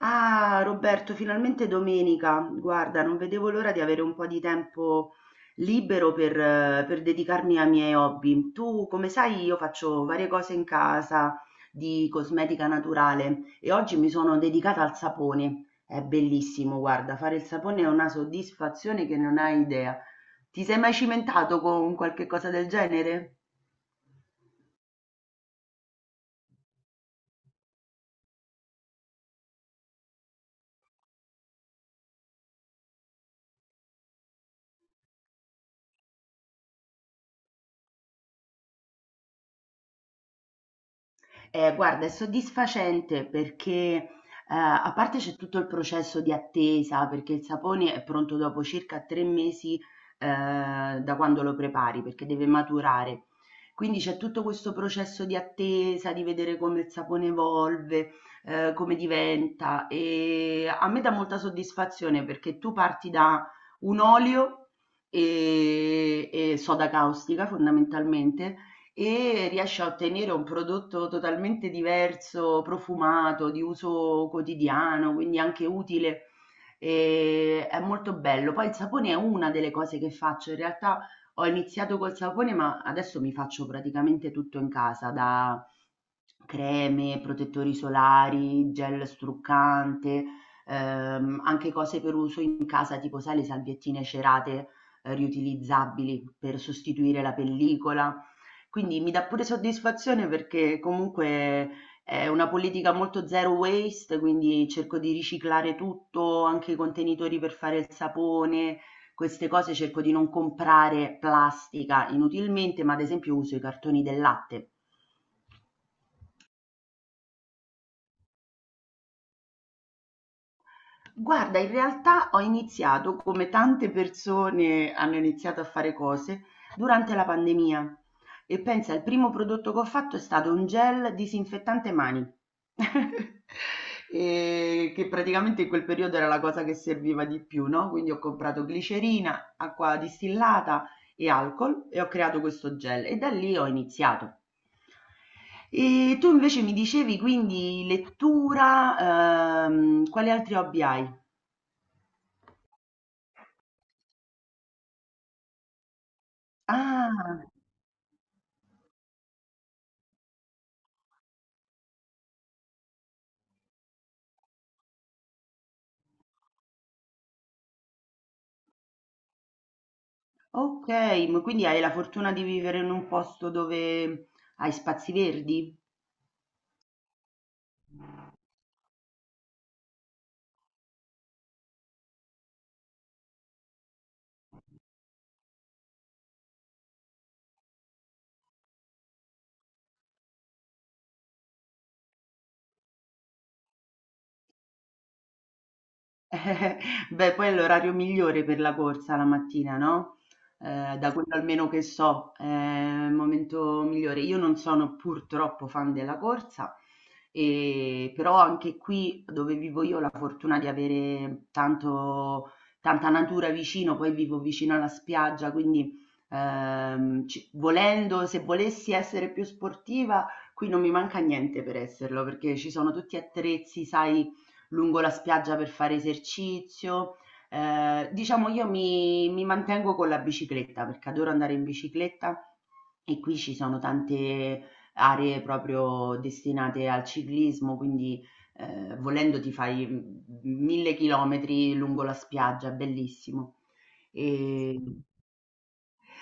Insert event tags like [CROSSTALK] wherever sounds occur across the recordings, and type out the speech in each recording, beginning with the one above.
Ah, Roberto, finalmente è domenica. Guarda, non vedevo l'ora di avere un po' di tempo libero per dedicarmi ai miei hobby. Tu, come sai, io faccio varie cose in casa di cosmetica naturale e oggi mi sono dedicata al sapone. È bellissimo, guarda, fare il sapone è una soddisfazione che non hai idea. Ti sei mai cimentato con qualche cosa del genere? Guarda, è soddisfacente perché, a parte c'è tutto il processo di attesa, perché il sapone è pronto dopo circa 3 mesi, da quando lo prepari, perché deve maturare. Quindi c'è tutto questo processo di attesa, di vedere come il sapone evolve, come diventa. E a me dà molta soddisfazione perché tu parti da un olio e soda caustica fondamentalmente e riesce a ottenere un prodotto totalmente diverso, profumato, di uso quotidiano, quindi anche utile. E è molto bello. Poi il sapone è una delle cose che faccio. In realtà ho iniziato col sapone, ma adesso mi faccio praticamente tutto in casa, da creme, protettori solari, gel struccante, anche cose per uso in casa, tipo sai le salviettine cerate, riutilizzabili per sostituire la pellicola. Quindi mi dà pure soddisfazione perché comunque è una politica molto zero waste, quindi cerco di riciclare tutto, anche i contenitori per fare il sapone, queste cose cerco di non comprare plastica inutilmente, ma ad esempio uso i cartoni del latte. Guarda, in realtà ho iniziato, come tante persone hanno iniziato a fare cose, durante la pandemia. E pensa, il primo prodotto che ho fatto è stato un gel disinfettante mani, [LAUGHS] e che praticamente in quel periodo era la cosa che serviva di più, no? Quindi ho comprato glicerina, acqua distillata e alcol e ho creato questo gel e da lì ho iniziato. E tu invece mi dicevi quindi lettura, quali altri hobby hai? Ah, ok, ma quindi hai la fortuna di vivere in un posto dove hai spazi verdi? [LAUGHS] Beh, poi è l'orario migliore per la corsa la mattina, no? Da quello almeno che so, è il momento migliore. Io non sono purtroppo fan della corsa, però anche qui dove vivo io ho la fortuna di avere tanta natura vicino, poi vivo vicino alla spiaggia, quindi volendo, se volessi essere più sportiva, qui non mi manca niente per esserlo, perché ci sono tutti attrezzi, sai lungo la spiaggia per fare esercizio. Diciamo io mi mantengo con la bicicletta perché adoro andare in bicicletta e qui ci sono tante aree proprio destinate al ciclismo, quindi volendo ti fai mille chilometri lungo la spiaggia, bellissimo. E,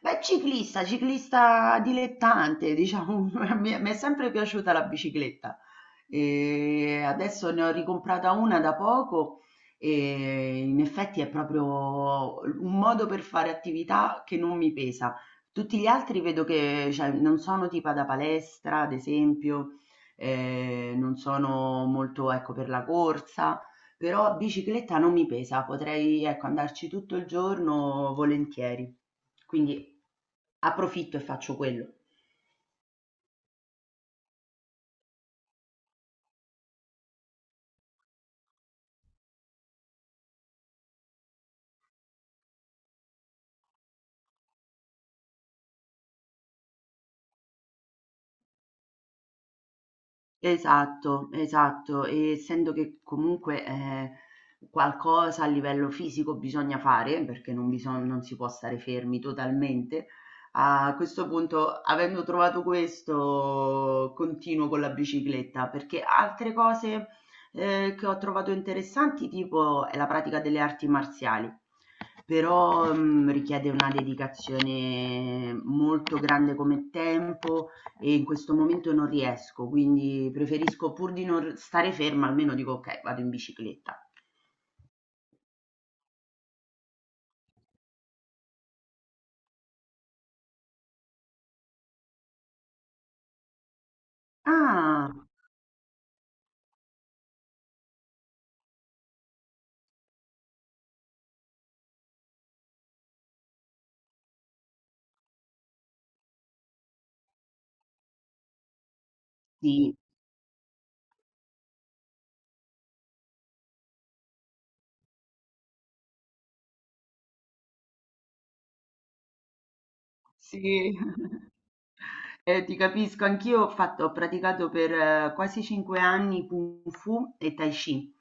Beh, ciclista, ciclista dilettante, diciamo, [LAUGHS] mi è sempre piaciuta la bicicletta. E adesso ne ho ricomprata una da poco e in effetti è proprio un modo per fare attività che non mi pesa. Tutti gli altri vedo che, cioè, non sono tipo da palestra, ad esempio, non sono molto, ecco, per la corsa però bicicletta non mi pesa, potrei, ecco, andarci tutto il giorno volentieri. Quindi approfitto e faccio quello. Esatto, esatto. E essendo che comunque, qualcosa a livello fisico bisogna fare, perché non si può stare fermi totalmente, a questo punto, avendo trovato questo, continuo con la bicicletta, perché altre cose, che ho trovato interessanti, tipo è la pratica delle arti marziali, però, richiede una dedicazione molto grande come tempo, e in questo momento non riesco, quindi preferisco pur di non stare ferma, almeno dico: "Okay, vado in bicicletta". Ah, sì. Sì. [LAUGHS] Ti capisco, anch'io ho praticato per quasi 5 anni Kung Fu e Tai Chi.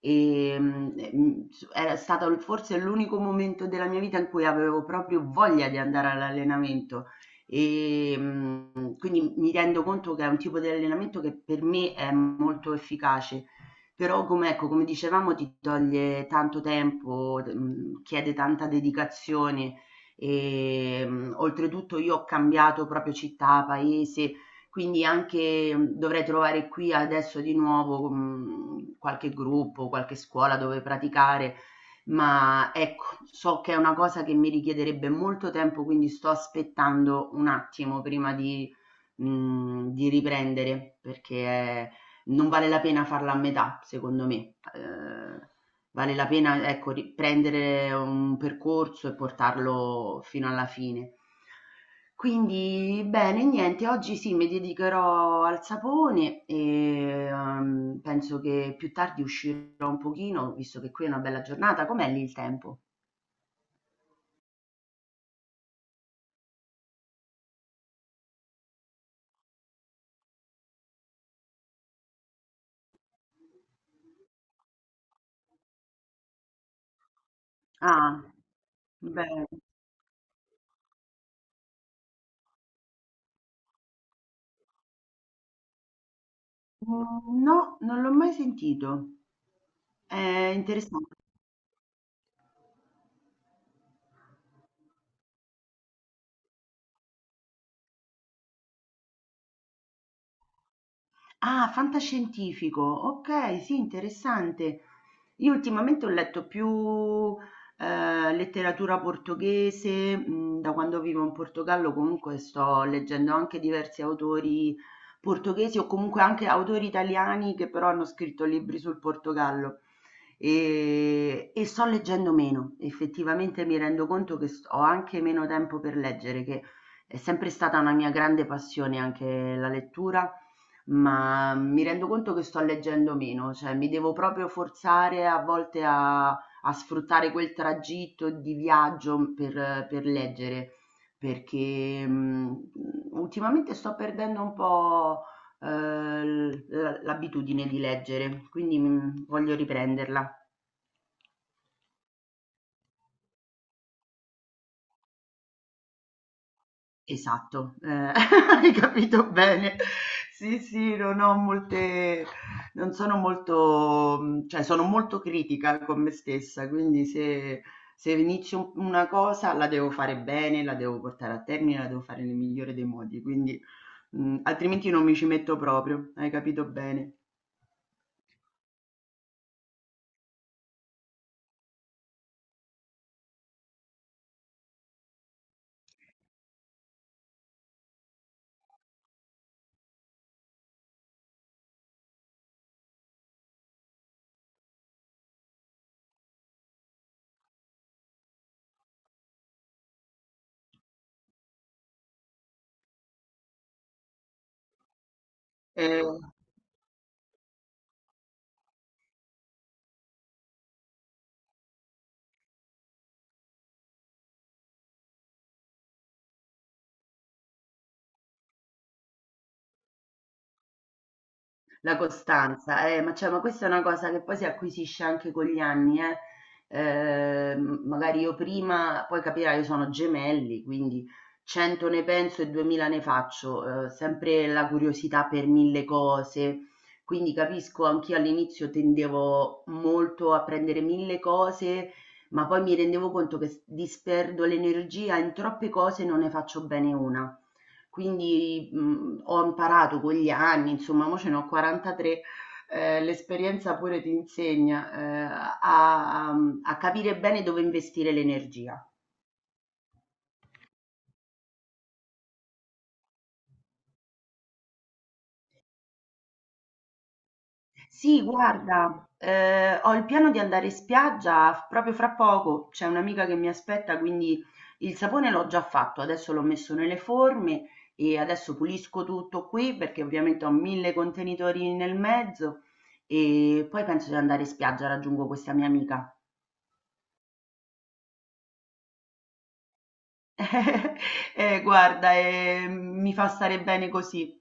Era stato forse l'unico momento della mia vita in cui avevo proprio voglia di andare all'allenamento. Quindi mi rendo conto che è un tipo di allenamento che per me è molto efficace. Però, come, ecco, come dicevamo, ti toglie tanto tempo, chiede tanta dedicazione. Oltretutto io ho cambiato proprio città, paese, quindi anche dovrei trovare qui adesso di nuovo, qualche gruppo, qualche scuola dove praticare, ma ecco, so che è una cosa che mi richiederebbe molto tempo, quindi sto aspettando un attimo prima di di riprendere, perché è, non vale la pena farla a metà, secondo me. Vale la pena, ecco, ri prendere un percorso e portarlo fino alla fine. Quindi bene, niente, oggi sì, mi dedicherò al sapone e, penso che più tardi uscirò un pochino, visto che qui è una bella giornata. Com'è lì il tempo? Ah, bene. Mhmm, no, non l'ho mai sentito. È interessan. Ah, fantascientifico, okay, sì, interessante. Io ultimamente ho letto più letteratura portoghese, da quando vivo in Portogallo comunque sto leggendo anche diversi autori portoghesi o comunque anche autori italiani che però hanno scritto libri sul Portogallo e sto leggendo meno, effettivamente mi rendo conto che ho anche meno tempo per leggere, che è sempre stata una mia grande passione anche la lettura, ma mi rendo conto che sto leggendo meno, cioè mi devo proprio forzare a volte a sfruttare quel tragitto di viaggio per leggere, perché ultimamente sto perdendo un po' eh, l'abitudine di leggere, quindi voglio riprenderla. Esatto, [LAUGHS] hai capito bene. Sì, sì, non ho molte non sono molto cioè sono molto critica con me stessa, quindi se se inizio u una cosa la devo fare bene, la devo portare a termine, la devo fare nel migliore dei modi, quindi, altrimenti non mi ci metto proprio, hai capito bene. Ehm La costanza, ma, cioè, ma questa è una cosa che poi si acquisisce anche con gli anni, eh. Magari io prima, poi capirai, io sono gemelli, quindi 100 ne penso e 2000 ne faccio, sempre la curiosità per mille cose, quindi capisco, anch'io all'inizio tendevo molto a prendere mille cose, ma poi mi rendevo conto che disperdo l'energia in troppe cose e non ne faccio bene una. Quindi, ho imparato con gli anni, insomma, mo ce ne ho 43, l'esperienza pure ti insegna, a capire bene dove investire l'energia. Sì, guarda, ho il piano di andare in spiaggia f proprio fra poco, c'è un'amica che mi aspetta, quindi il sapone l'ho già fatto, adesso l'ho messo nelle forme e adesso pulisco tutto qui, perché ovviamente ho 1000 contenitori nel mezzo e poi penso di andare in spiaggia, raggiungo questa mia amica. [LAUGHS] Guarda, mi fa stare bene così.